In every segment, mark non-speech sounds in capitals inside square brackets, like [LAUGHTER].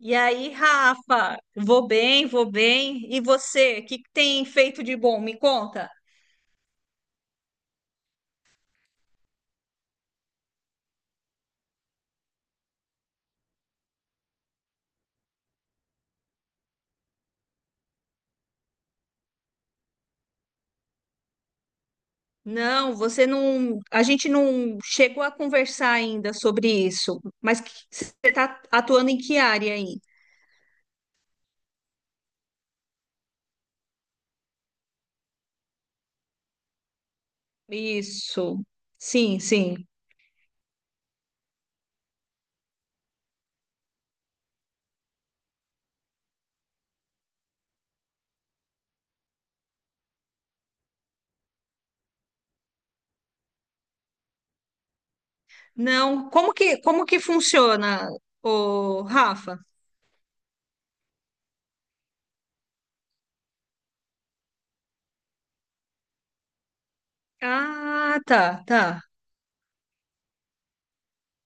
E aí, Rafa, vou bem, vou bem. E você, o que tem feito de bom? Me conta. Não, você não. A gente não chegou a conversar ainda sobre isso, mas você está atuando em que área aí? Isso. Sim. Não, como que funciona, o Rafa? Ah, tá, tá.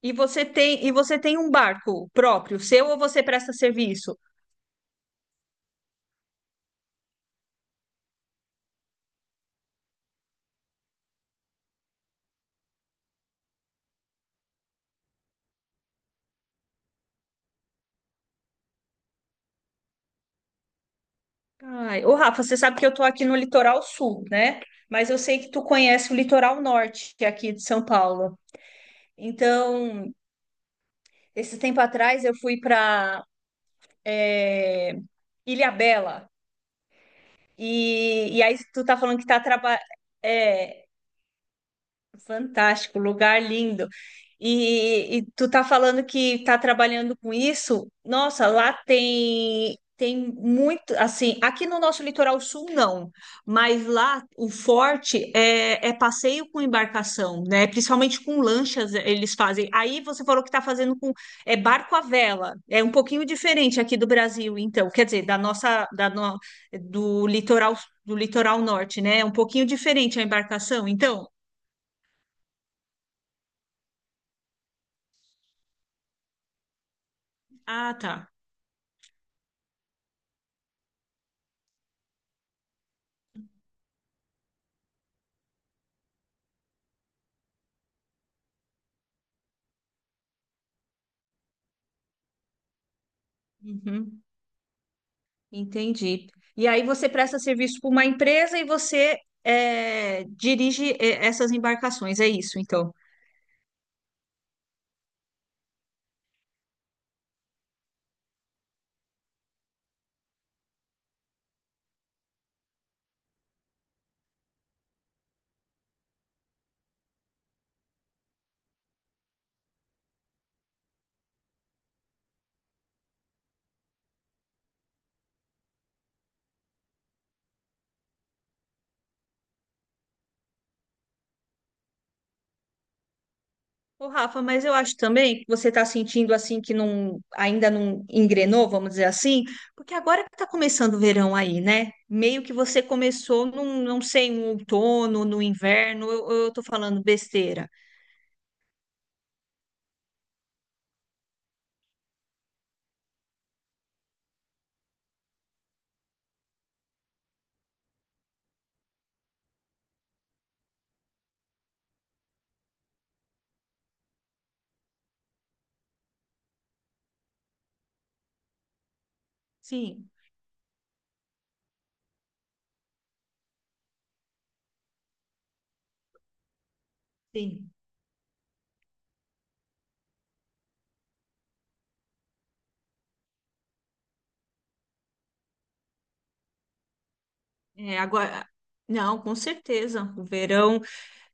E você tem um barco próprio, seu ou você presta serviço? Ai, ô Rafa, você sabe que eu tô aqui no litoral sul, né? Mas eu sei que tu conhece o litoral norte aqui de São Paulo. Então, esse tempo atrás eu fui para Ilhabela e aí tu tá falando que tá trabalhando. Fantástico, lugar lindo. E tu tá falando que tá trabalhando com isso? Nossa, lá tem muito, assim, aqui no nosso litoral sul não, mas lá o forte é passeio com embarcação, né? Principalmente com lanchas eles fazem. Aí você falou que tá fazendo com é barco à vela. É um pouquinho diferente aqui do Brasil, então, quer dizer, da nossa da no- do litoral do litoral norte, né? É um pouquinho diferente a embarcação, então. Ah, tá. Uhum, entendi. E aí você presta serviço para uma empresa e você é, dirige é, essas embarcações, é isso, então. Ô, Rafa, mas eu acho também que você está sentindo assim que não ainda não engrenou, vamos dizer assim, porque agora que está começando o verão aí, né? Meio que você começou num, não sei, no outono, no inverno, eu tô falando besteira. Sim, sim. É, agora, não, com certeza. O verão,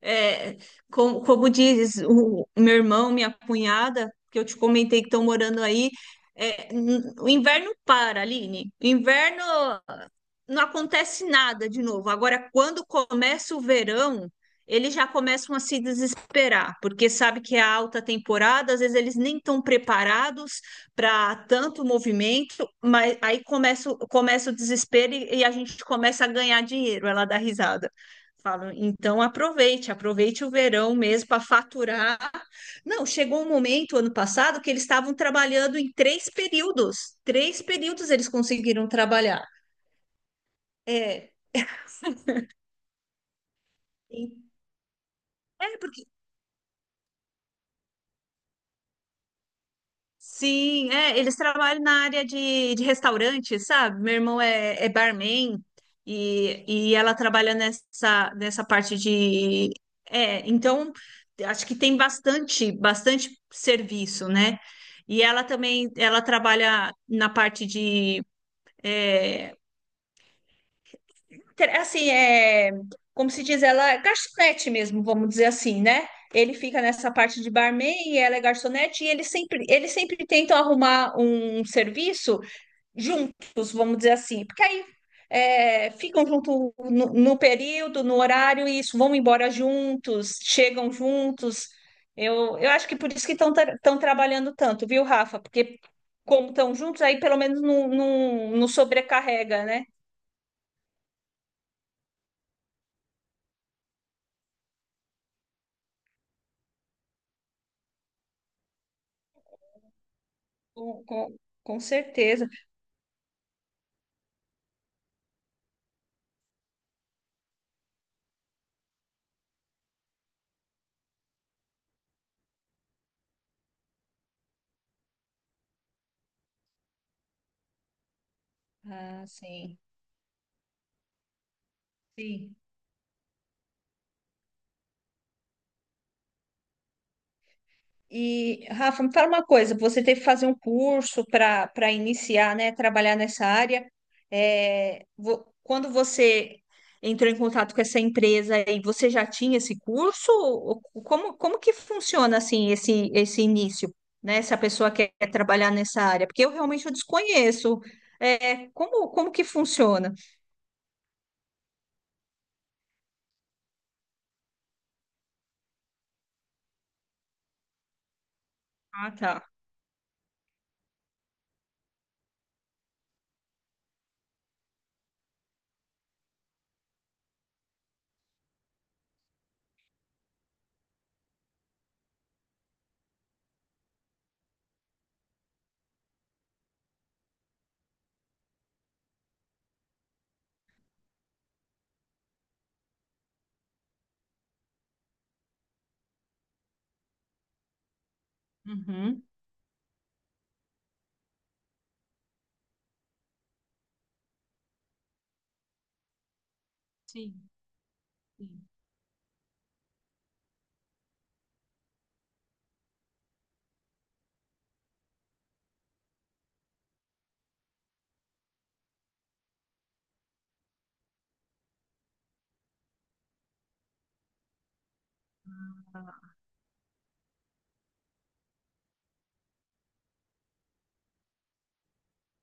é, como diz o meu irmão, minha cunhada, que eu te comentei que estão morando aí. É, o inverno para, Aline. O inverno não acontece nada de novo. Agora, quando começa o verão, eles já começam a se desesperar, porque sabe que é a alta temporada, às vezes eles nem estão preparados para tanto movimento, mas aí começa, começa o desespero e a gente começa a ganhar dinheiro. Ela dá risada. Falo, então aproveite, aproveite o verão mesmo para faturar. Não, chegou um momento ano passado que eles estavam trabalhando em três períodos. Três períodos eles conseguiram trabalhar. É. Sim. É, porque. Sim, é, eles trabalham na área de restaurante, sabe? Meu irmão é, é barman e, e ela trabalha nessa, nessa parte de. É, então, acho que tem bastante, bastante serviço, né? E ela também, ela trabalha na parte de assim, é, como se diz, ela é garçonete mesmo, vamos dizer assim, né? Ele fica nessa parte de barman e ela é garçonete e eles sempre tentam arrumar um serviço juntos, vamos dizer assim, porque aí é, ficam junto no, no período, no horário, e isso, vão embora juntos, chegam juntos. Eu acho que por isso que estão trabalhando tanto, viu, Rafa? Porque como estão juntos, aí pelo menos não, não, não sobrecarrega, né? Com, com, com certeza. Ah, sim, sim. E, Rafa, me fala uma coisa, você teve que fazer um curso para iniciar, né, trabalhar nessa área. É, quando você entrou em contato com essa empresa aí, você já tinha esse curso? Ou como, como que funciona, assim, esse início, né? Se a pessoa quer trabalhar nessa área, porque eu realmente eu desconheço. É, como, como que funciona? Ah, tá. Uhum. Sim, sim,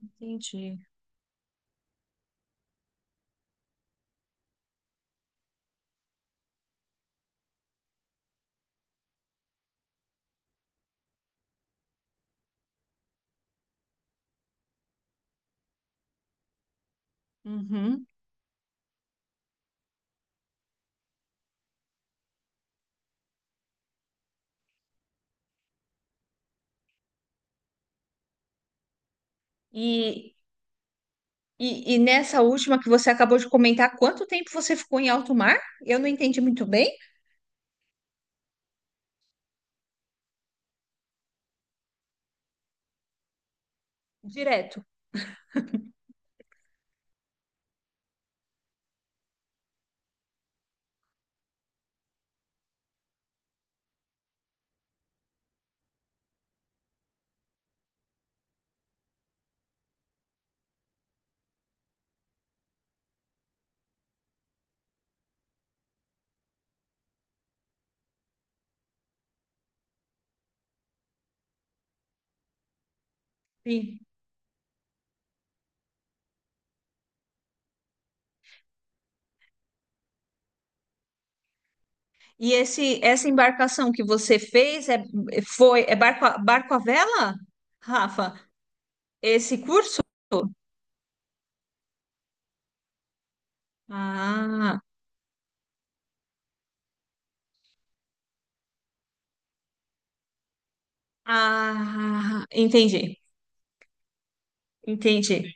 entendi. Uhum. E, e nessa última que você acabou de comentar, quanto tempo você ficou em alto mar? Eu não entendi muito bem. Direto. Sim. E esse, essa embarcação que você fez é, foi, é barco, barco à vela, Rafa? Esse curso? Ah, ah, entendi, entendi.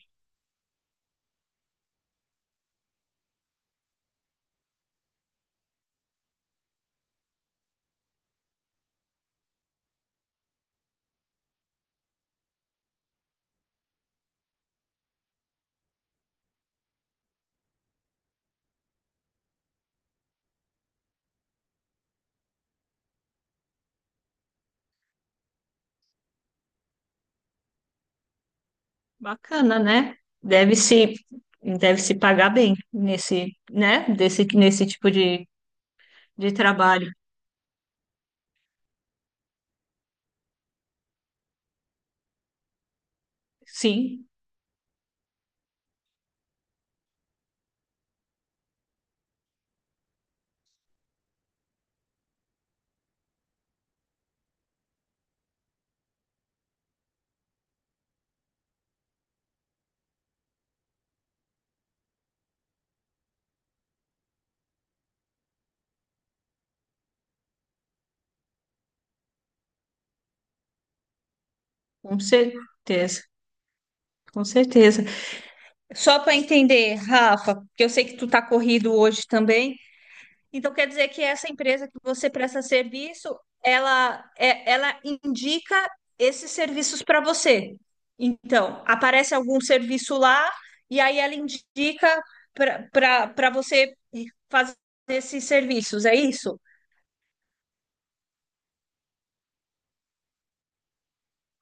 Bacana, né? Deve se, deve se pagar bem nesse, né? Desse, nesse tipo de trabalho. Sim. Com certeza, com certeza. Só para entender, Rafa, porque eu sei que tu está corrido hoje também, então quer dizer que essa empresa que você presta serviço, ela, ela indica esses serviços para você. Então, aparece algum serviço lá e aí ela indica para você fazer esses serviços, é isso?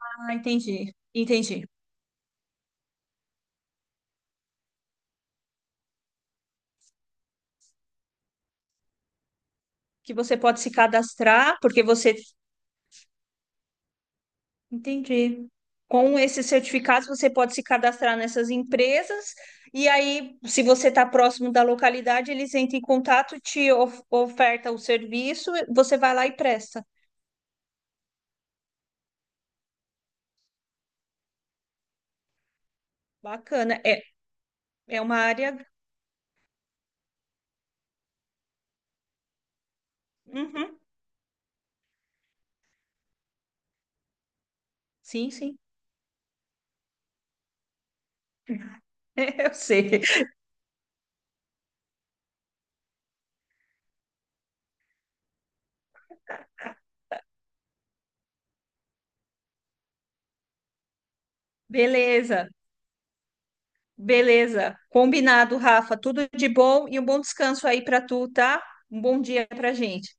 Ah, entendi, entendi. Que você pode se cadastrar, porque você entendi. Com esses certificados, você pode se cadastrar nessas empresas, e aí, se você está próximo da localidade, eles entram em contato, te oferta o serviço, você vai lá e presta. Bacana. É, é uma área. Uhum. Sim, sim. [LAUGHS] Eu sei. Beleza, beleza. Combinado, Rafa. Tudo de bom e um bom descanso aí para tu, tá? Um bom dia para gente.